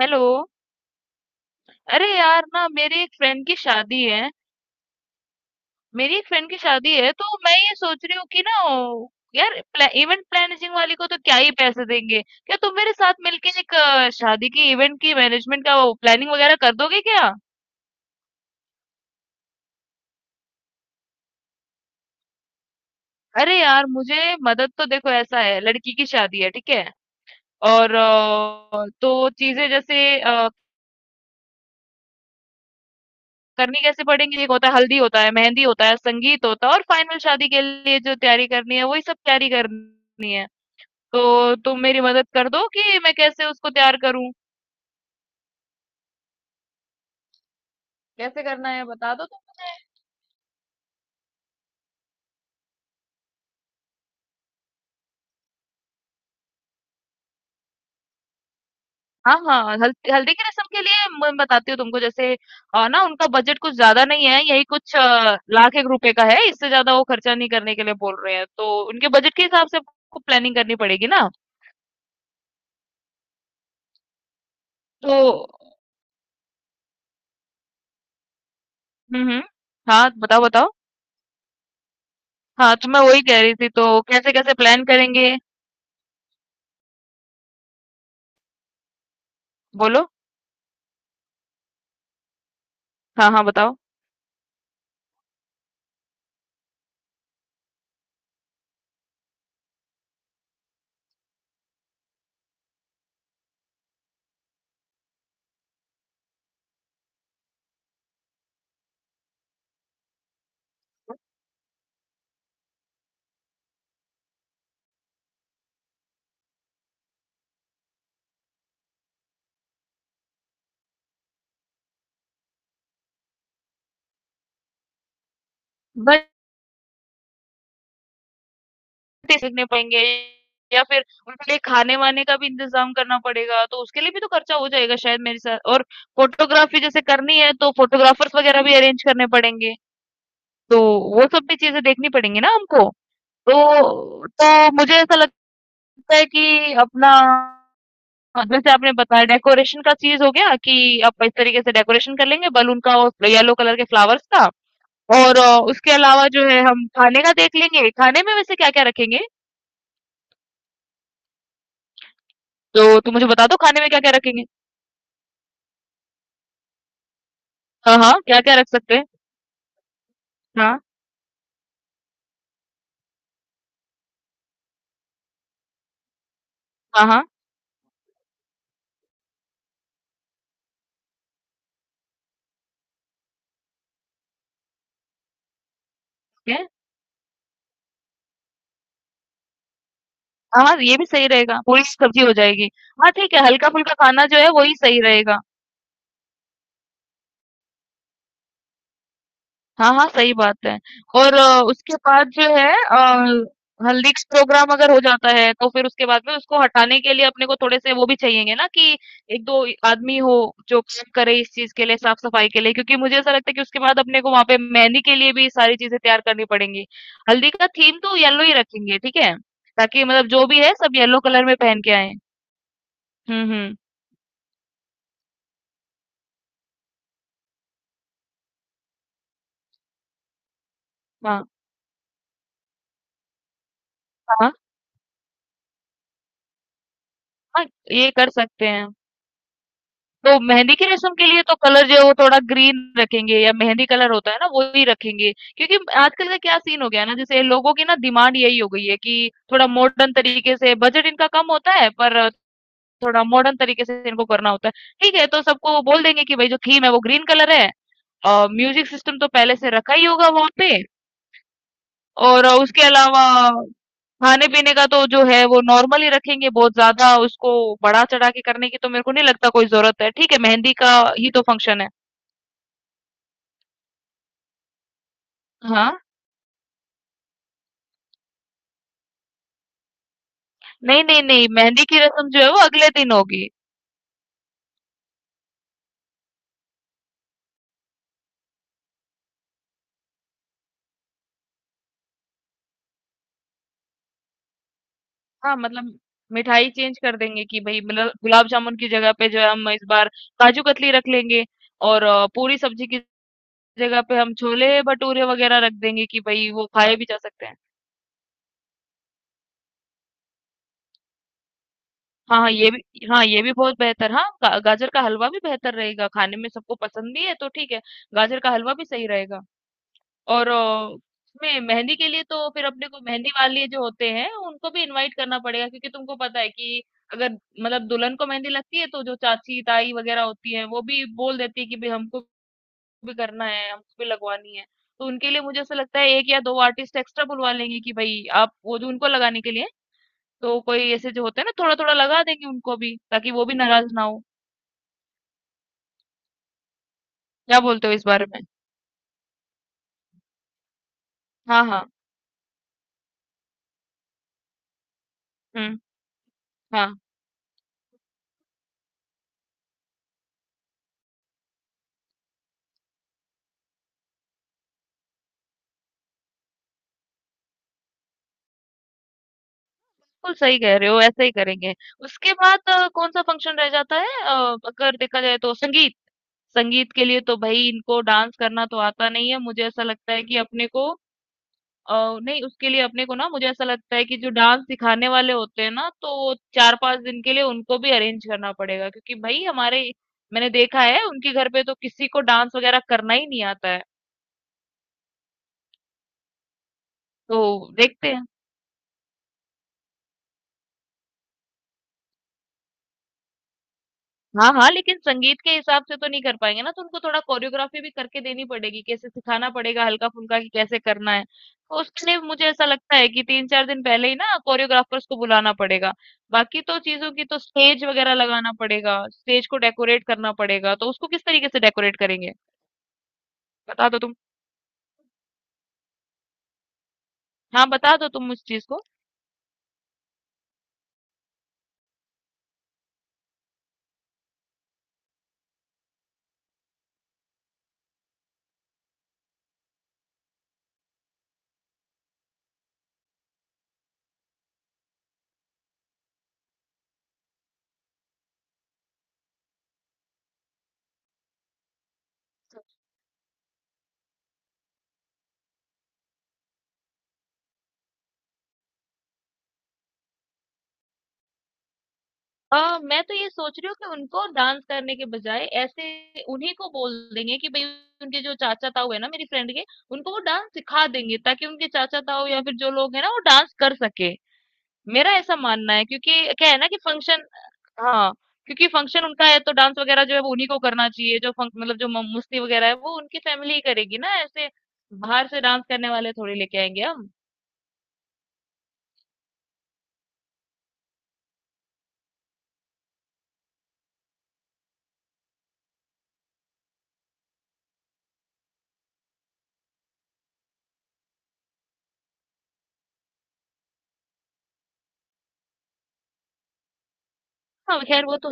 Hello. अरे यार ना मेरी एक फ्रेंड की शादी है। मेरी एक फ्रेंड की शादी है तो मैं ये सोच रही हूँ कि ना यार इवेंट प्लानिंग वाली को तो क्या ही पैसे देंगे। क्या तुम मेरे साथ मिलके एक शादी की इवेंट की मैनेजमेंट का प्लानिंग वगैरह कर दोगे क्या? अरे यार मुझे मदद तो देखो ऐसा है, लड़की की शादी है ठीक है। और तो चीजें जैसे करनी कैसे पड़ेंगी? एक होता है हल्दी, होता है मेहंदी, होता है संगीत, होता है और फाइनल शादी के लिए जो तैयारी करनी है वही सब तैयारी करनी है। तो तुम मेरी मदद कर दो कि मैं कैसे उसको तैयार करूं। कैसे करना है बता दो तुम मुझे। हाँ हाँ, हल्दी हल्दी की रस्म के लिए मैं बताती हूँ तुमको। जैसे ना उनका बजट कुछ ज्यादा नहीं है, यही कुछ लाख एक रुपए का है। इससे ज्यादा वो खर्चा नहीं करने के लिए बोल रहे हैं, तो उनके बजट के हिसाब से आपको प्लानिंग करनी पड़ेगी ना। तो हम्म। हाँ बताओ बताओ। हाँ, तो मैं वही कह रही थी, तो कैसे कैसे प्लान करेंगे? बोलो। हाँ हाँ बताओ। देखने पाएँगे या फिर उनके लिए खाने-वाने का भी इंतज़ाम करना पड़ेगा, तो उसके लिए भी तो खर्चा हो जाएगा शायद मेरे साथ। और फ़ोटोग्राफ़ी जैसे करनी है तो फ़ोटोग्राफ़र्स वग़ैरह भी अरेंज करने पड़ेंगे, तो वो सब भी चीज़ें देखनी पड़ेंगी ना हमको। तो मुझे ऐसा लगता है कि अपना जैसे आपने बताया डेकोरेशन का चीज़ हो गया कि आप इस तरीके से डेकोरेशन कर लेंगे बलून का और येलो कलर के फ्लावर्स का। और उसके अलावा जो है हम खाने का देख लेंगे। खाने में वैसे क्या-क्या रखेंगे? तो तुम मुझे बता दो खाने में क्या-क्या रखेंगे? हाँ, हाँ, क्या-क्या रख सकते हैं? हाँ, हाँ, हाँ, ठीक है। हाँ, हाँ, ये भी सही रहेगा, पूरी सब्ज़ी हो जाएगी। हाँ, ठीक है, हल्का-फुल्का खाना जो है, वही सही रहेगा। हाँ, हाँ, सही बात है। और उसके बाद जो है हल्दी का प्रोग्राम अगर हो जाता है तो फिर उसके बाद में उसको हटाने के लिए अपने को थोड़े से वो भी चाहिएंगे ना कि एक दो आदमी हो जो काम करे इस चीज के लिए, साफ सफाई के लिए। क्योंकि मुझे ऐसा लगता है कि उसके बाद अपने को वहां पे मेहंदी के लिए भी सारी चीजें तैयार करनी पड़ेंगी। हल्दी का थीम तो येलो ही रखेंगे, ठीक है, ताकि मतलब जो भी है सब येलो कलर में पहन के आए। हम्म। हाँ हाँ। हाँ ये कर सकते हैं। तो मेहंदी की रस्म के लिए तो कलर जो है वो थोड़ा ग्रीन रखेंगे, या मेहंदी कलर होता है ना वो ही रखेंगे। क्योंकि आजकल का क्या सीन हो गया है ना, जैसे लोगों की ना डिमांड यही हो गई है कि थोड़ा मॉडर्न तरीके से, बजट इनका कम होता है पर थोड़ा मॉडर्न तरीके से इनको करना होता है। ठीक है, तो सबको बोल देंगे कि भाई जो थीम है वो ग्रीन कलर है। और म्यूजिक सिस्टम तो पहले से रखा ही होगा वहां पे। और उसके अलावा खाने पीने का तो जो है वो नॉर्मल ही रखेंगे, बहुत ज्यादा उसको बढ़ा चढ़ा के करने की तो मेरे को नहीं लगता कोई जरूरत है। ठीक है, मेहंदी का ही तो फंक्शन है। हाँ, नहीं, नहीं, मेहंदी की रस्म जो है वो अगले दिन होगी। हाँ, मतलब मिठाई चेंज कर देंगे कि भई मतलब गुलाब जामुन की जगह पे जो है हम इस बार काजू कतली रख लेंगे। और पूरी सब्जी की जगह पे हम छोले भटूरे वगैरह रख देंगे कि भई वो खाए भी जा सकते हैं। हाँ, हाँ, ये भी, हाँ, ये भी बहुत बेहतर, हाँ, गाजर का हलवा भी बेहतर रहेगा। खाने में सबको पसंद भी है तो ठीक है, गाजर का हलवा भी सही रहेगा। और उसमें मेहंदी के लिए तो फिर अपने को मेहंदी वाले जो होते हैं उनको भी इनवाइट करना पड़ेगा, क्योंकि तुमको पता है कि अगर मतलब दुल्हन को मेहंदी लगती है तो जो चाची ताई वगैरह होती है वो भी बोल देती है कि भाई हमको भी करना है, हमको भी लगवानी है। तो उनके लिए मुझे ऐसा लगता है एक या दो आर्टिस्ट एक्स्ट्रा बुलवा लेंगे कि भाई आप वो जो उनको लगाने के लिए, तो कोई ऐसे जो होते हैं ना थोड़ा थोड़ा लगा देंगे उनको भी, ताकि वो भी नाराज ना हो। क्या बोलते हो इस बारे में? हाँ हाँ हम्म। हाँ बिल्कुल सही कह रहे हो, ऐसे ही करेंगे। उसके बाद कौन-सा फंक्शन रह जाता है? अगर देखा जाए तो संगीत। संगीत के लिए तो भई इनको डांस करना तो आता नहीं है। मुझे ऐसा लगता है कि अपने को अ, नहीं उसके लिए अपने को ना मुझे ऐसा लगता है कि जो डांस सिखाने वाले होते हैं ना, तो 4-5 दिन के लिए उनको भी अरेंज करना पड़ेगा क्योंकि भई हमारे, मैंने देखा है उनके घर पे तो किसी को डांस वगैरह करना ही नहीं आता है। तो देखते हैं। हाँ, हाँ, लेकिन संगीत के हिसाब से तो नहीं कर पाएँगे ना, तो उनको थोड़ा कोरियोग्राफ़ी भी करके देनी पड़ेगी, कैसे सिखाना पड़ेगा हल्का-फुल्का कि कैसे करना है। तो उसके लिए मुझे ऐसा लगता है कि 3-4 दिन पहले ही ना कोरियोग्राफ़र्स को बुलाना पड़ेगा। बाकी तो चीज़ों की तो स्टेज वग़ैरह लगाना पड़ेगा, स्टेज को डेकोरेट करना पड़ेगा, तो उसको किस तरीके से डेकोरेट करेंगे? बता दो तुम। हाँ, बता दो तुम उस चीज़ को। मैं तो ये सोच रही हूँ कि उनको डांस करने के बजाय ऐसे उन्हीं को बोल देंगे कि भाई उनके जो चाचा ताऊ है ना मेरी फ्रेंड के, उनको वो डांस सिखा देंगे ताकि उनके चाचा ताऊ या फिर जो लोग हैं ना वो डांस कर सके। मेरा ऐसा मानना है क्योंकि क्या है ना कि फंक्शन, हाँ, क्योंकि फंक्शन उनका है तो डांस वगैरह जो है वो उन्हीं को करना चाहिए। जो फंक मतलब जो मस्ती वगैरह है वो उनकी फैमिली ही करेगी ना, ऐसे बाहर से डांस करने वाले थोड़ी लेके आएंगे हम। हाँ खैर वो तो,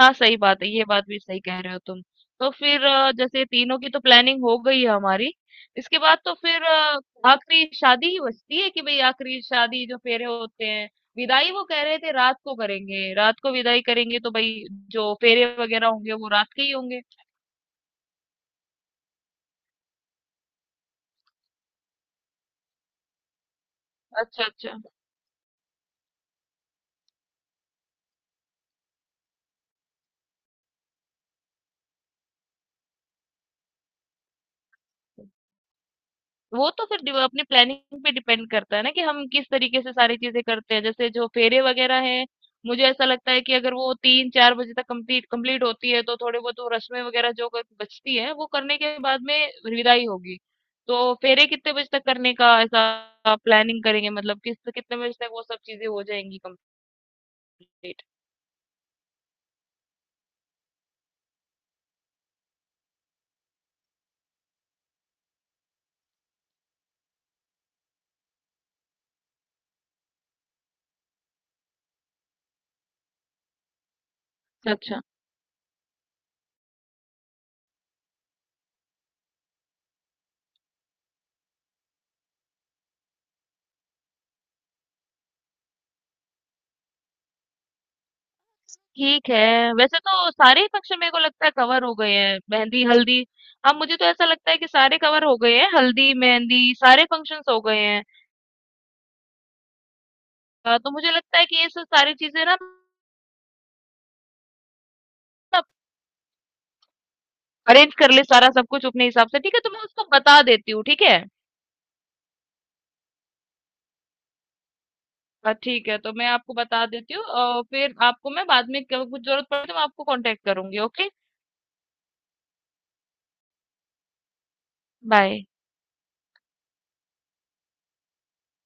हाँ, सही बात है, ये बात भी सही कह रहे हो तुम। तो फिर जैसे तीनों की तो प्लानिंग हो गई है हमारी, इसके बाद तो फिर आखिरी शादी ही बचती है कि भई आखिरी शादी जो फेरे होते हैं, विदाई वो कह रहे थे रात को करेंगे, रात को विदाई करेंगे तो भई जो फेरे वगैरह होंगे वो रात के ही होंगे। अच्छा, अच्छा। वो तो फिर अपनी प्लानिंग पे डिपेंड करता है ना कि हम किस तरीके से सारी चीजें करते हैं। जैसे जो फेरे वगैरह हैं मुझे ऐसा लगता है कि अगर वो 3-4 बजे तक कंप्लीट कंप्लीट होती है तो थोड़े बहुत वो रस्में वगैरह जो बचती है वो करने के बाद में विदाई होगी। तो फेरे कितने बजे तक करने का ऐसा प्लानिंग करेंगे, मतलब किस कितने बजे तक वो सब चीजें हो जाएंगी कंप्लीट? अच्छा, ठीक है, वैसे तो सारे ही फंक्शन मेरे को लगता है कवर हो गए हैं, मेहंदी हल्दी। अब मुझे तो ऐसा लगता है कि सारे कवर हो गए हैं, हल्दी मेहंदी सारे फंक्शंस हो गए हैं। तो मुझे लगता है कि ये सब सारी चीजें ना अरेंज कर ले सारा सब कुछ अपने हिसाब से, ठीक है तो मैं उसको बता देती हूँ ठीक है। हाँ, ठीक है तो मैं आपको बता देती हूँ और फिर आपको मैं बाद में कुछ जरूरत पड़े तो मैं आपको कांटेक्ट करूंगी। Okay bye.